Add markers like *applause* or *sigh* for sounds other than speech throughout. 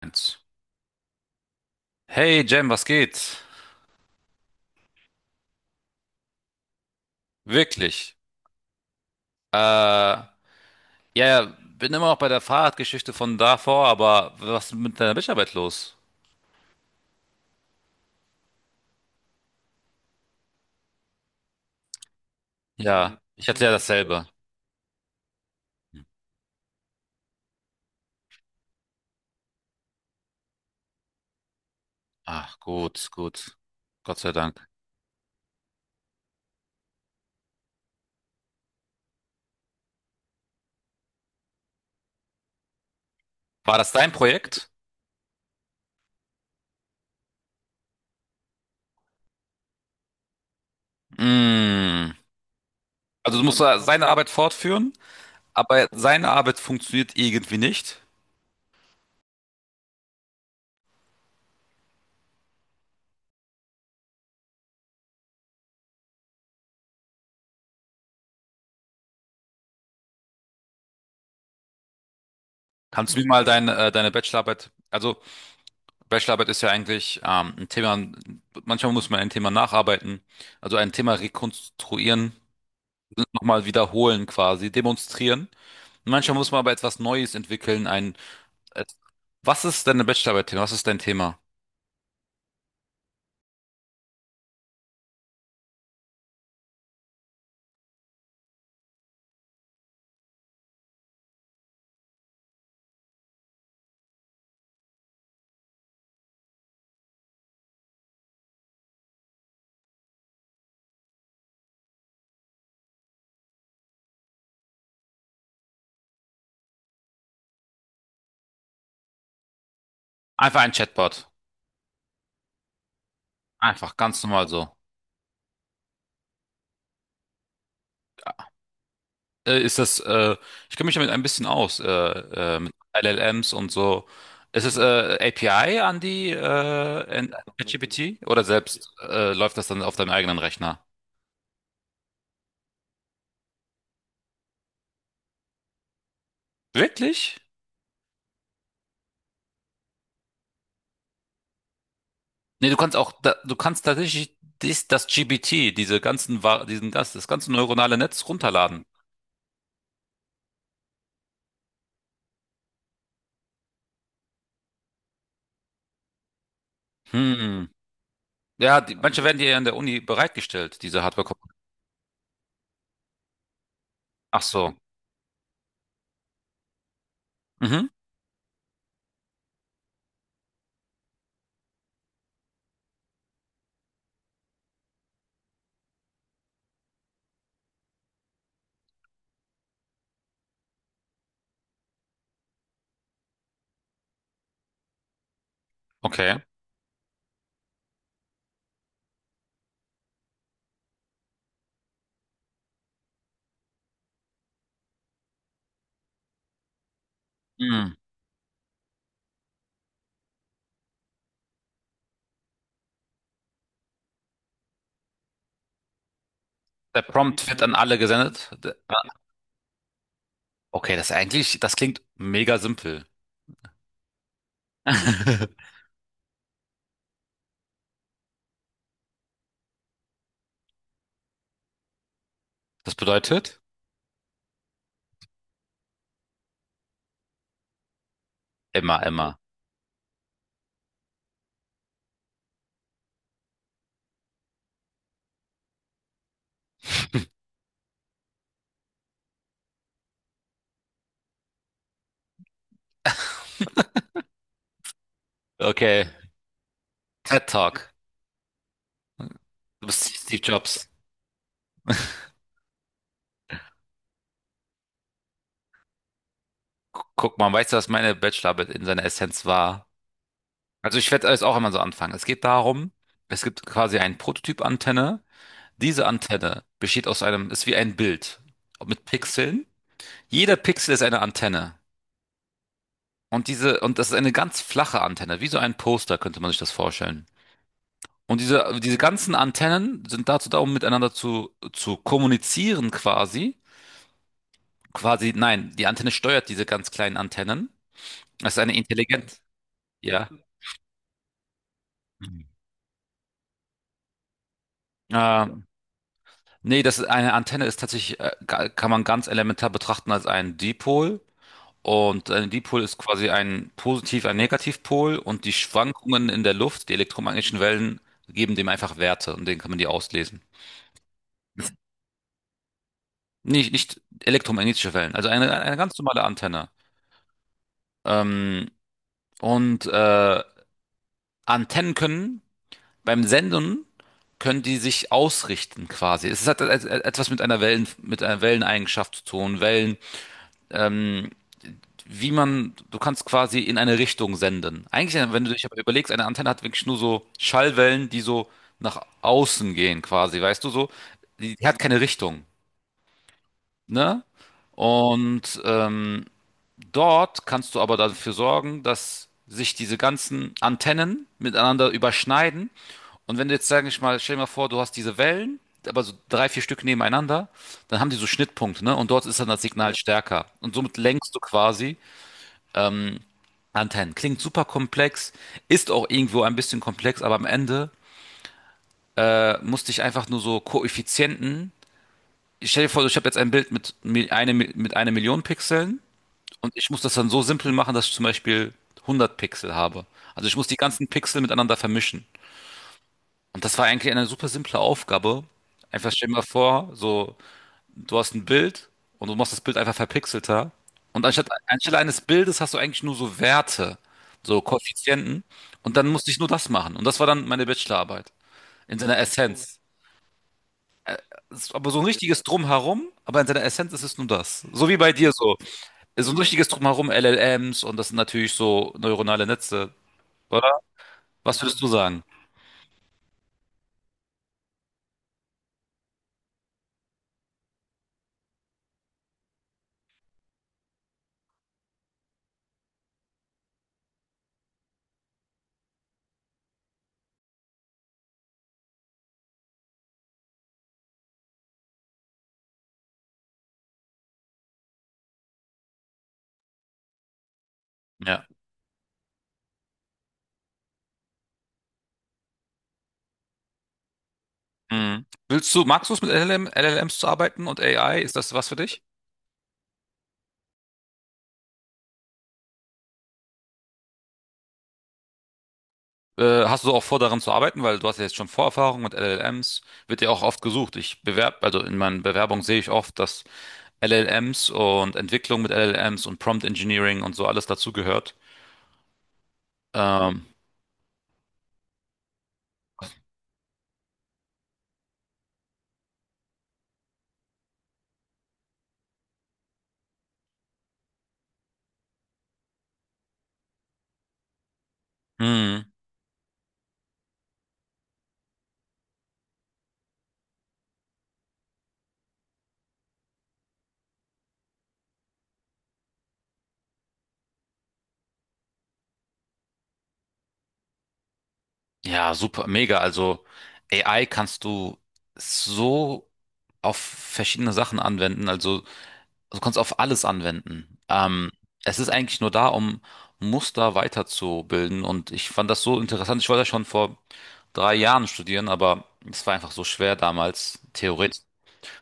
Eins. Hey Jam, was geht? Wirklich. Äh, ja, ja, bin immer noch bei der Fahrradgeschichte von davor, aber was ist mit deiner Bachelorarbeit los? Ja, ich hatte ja dasselbe. Ach, gut, gut. Gott sei Dank. War das dein Projekt? Mm. Also du musst da seine Arbeit fortführen, aber seine Arbeit funktioniert irgendwie nicht. Kannst du mir mal deine, deine Bachelorarbeit, also Bachelorarbeit ist ja eigentlich ein Thema, manchmal muss man ein Thema nacharbeiten, also ein Thema rekonstruieren, nochmal wiederholen quasi, demonstrieren. Und manchmal muss man aber etwas Neues entwickeln, ein, et- was ist deine Bachelorarbeit-Thema? Was ist dein Thema? Einfach ein Chatbot. Einfach, ganz normal so. Äh, ist das, äh, Ich kenne mich damit ein bisschen aus, mit LLMs und so. Ist es API an die in ChatGPT oder selbst läuft das dann auf deinem eigenen Rechner? Wirklich? Nee, du kannst auch, du kannst tatsächlich das GPT, diese ganzen, Wa- diesen, das, das ganze neuronale Netz runterladen. Hm. Ja, die, manche werden dir ja in der Uni bereitgestellt, diese Hardware. Ach so. Mhm. Okay. Hm. Der Prompt wird an alle gesendet. Okay, das ist eigentlich, das klingt mega simpel. *laughs* Das bedeutet? Immer, immer. Okay. TED Talk. Du bist Steve Jobs. Guck mal, weißt du, was meine Bachelorarbeit in seiner Essenz war? Also ich werde es auch immer so anfangen. Es geht darum, es gibt quasi einen Prototyp-Antenne. Diese Antenne besteht aus einem, ist wie ein Bild mit Pixeln. Jeder Pixel ist eine Antenne. Und diese, und das ist eine ganz flache Antenne, wie so ein Poster, könnte man sich das vorstellen. Und diese, diese ganzen Antennen sind dazu da, um miteinander zu kommunizieren quasi. Quasi, nein, die Antenne steuert diese ganz kleinen Antennen. Das ist eine intelligent, ja. Äh, Nee, das ist eine Antenne ist tatsächlich, kann man ganz elementar betrachten als einen Dipol. Und ein Dipol ist quasi ein Positiv-, ein Negativpol und die Schwankungen in der Luft, die elektromagnetischen Wellen, geben dem einfach Werte und denen kann man die auslesen. Nicht, nicht elektromagnetische Wellen, also eine ganz normale Antenne. Ähm, und äh, Antennen können beim Senden können die sich ausrichten quasi. Es hat etwas mit einer Wellen, mit einer Welleneigenschaft zu tun. Wellen ähm, wie man, du kannst quasi in eine Richtung senden. Eigentlich, wenn du dich aber überlegst, eine Antenne hat wirklich nur so Schallwellen, die so nach außen gehen, quasi, weißt du so? Die, die hat keine Richtung, ne? Und dort kannst du aber dafür sorgen, dass sich diese ganzen Antennen miteinander überschneiden. Und wenn du jetzt, sag ich mal, stell dir mal vor, du hast diese Wellen, aber so drei, vier Stück nebeneinander, dann haben die so Schnittpunkte, ne? Und dort ist dann das Signal stärker. Und somit lenkst du quasi Antennen. Klingt super komplex, ist auch irgendwo ein bisschen komplex, aber am Ende musste ich einfach nur so Koeffizienten. Ich stell dir vor, ich habe jetzt ein Bild mit einer Million Pixeln und ich muss das dann so simpel machen, dass ich zum Beispiel 100 Pixel habe. Also ich muss die ganzen Pixel miteinander vermischen. Und das war eigentlich eine super simple Aufgabe. Einfach stell dir mal vor, so du hast ein Bild und du machst das Bild einfach verpixelter. Und anstatt, anstelle eines Bildes hast du eigentlich nur so Werte, so Koeffizienten. Und dann musste ich nur das machen. Und das war dann meine Bachelorarbeit. In seiner Essenz. Es ist aber so ein richtiges Drumherum, aber in seiner Essenz ist es nur das. So wie bei dir so. So ein richtiges Drumherum, LLMs und das sind natürlich so neuronale Netze, oder? Was würdest du sagen? Ja. Mhm. Willst du, magst du es mit LLMs zu arbeiten und AI? Ist das was für dich? Hast du auch vor, daran zu arbeiten, weil du hast ja jetzt schon Vorerfahrung mit LLMs, wird ja auch oft gesucht. Ich bewerb, also in meinen Bewerbungen sehe ich oft, dass LLMs und Entwicklung mit LLMs und Prompt Engineering und so alles dazugehört. Ähm, mh, ja, super, mega. Also AI kannst du so auf verschiedene Sachen anwenden. Also du kannst auf alles anwenden. Es ist eigentlich nur da, um Muster weiterzubilden. Und ich fand das so interessant. Ich wollte ja schon vor drei Jahren studieren, aber es war einfach so schwer damals. Theorie,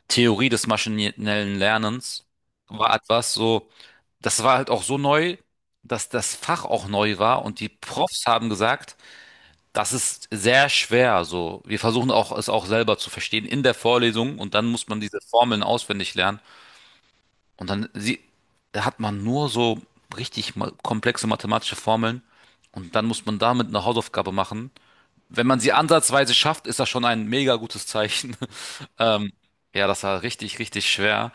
Theorie des maschinellen Lernens war etwas so, das war halt auch so neu, dass das Fach auch neu war. Und die Profs haben gesagt, das ist sehr schwer. So, wir versuchen auch, es auch selber zu verstehen in der Vorlesung. Und dann muss man diese Formeln auswendig lernen. Und dann sie, da hat man nur so komplexe mathematische Formeln und dann muss man damit eine Hausaufgabe machen. Wenn man sie ansatzweise schafft, ist das schon ein mega gutes Zeichen. *laughs* Ähm, ja, das war richtig, richtig schwer.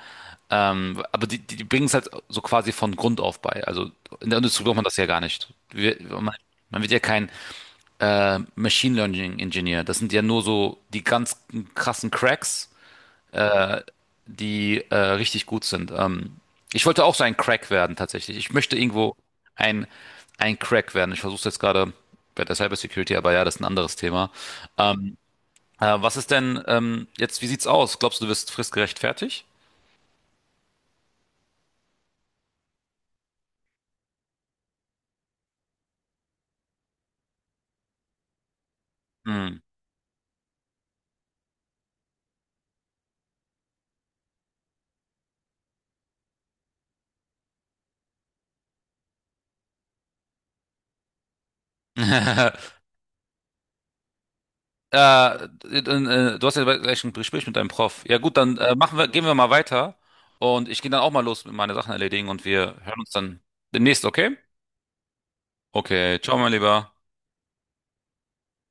Die bringen es halt so quasi von Grund auf bei. Also in der Industrie braucht man das ja gar nicht. Man, man wird ja kein Machine Learning Engineer. Das sind ja nur so die ganz krassen Cracks äh, die richtig gut sind. Ich wollte auch so ein Crack werden tatsächlich. Ich möchte irgendwo ein, ein Crack werden. Ich versuche es jetzt gerade bei der Cybersecurity, aber ja, das ist ein anderes Thema. Ähm, Was ist denn jetzt, wie sieht's aus? Glaubst du, du wirst fristgerecht fertig? Hm. *laughs* Äh, Du hast ja gleich ein Gespräch mit deinem Prof. Ja gut, dann machen wir, gehen wir mal weiter und ich gehe dann auch mal los mit meine Sachen erledigen und wir hören uns dann demnächst, okay? Okay, ciao mein Lieber.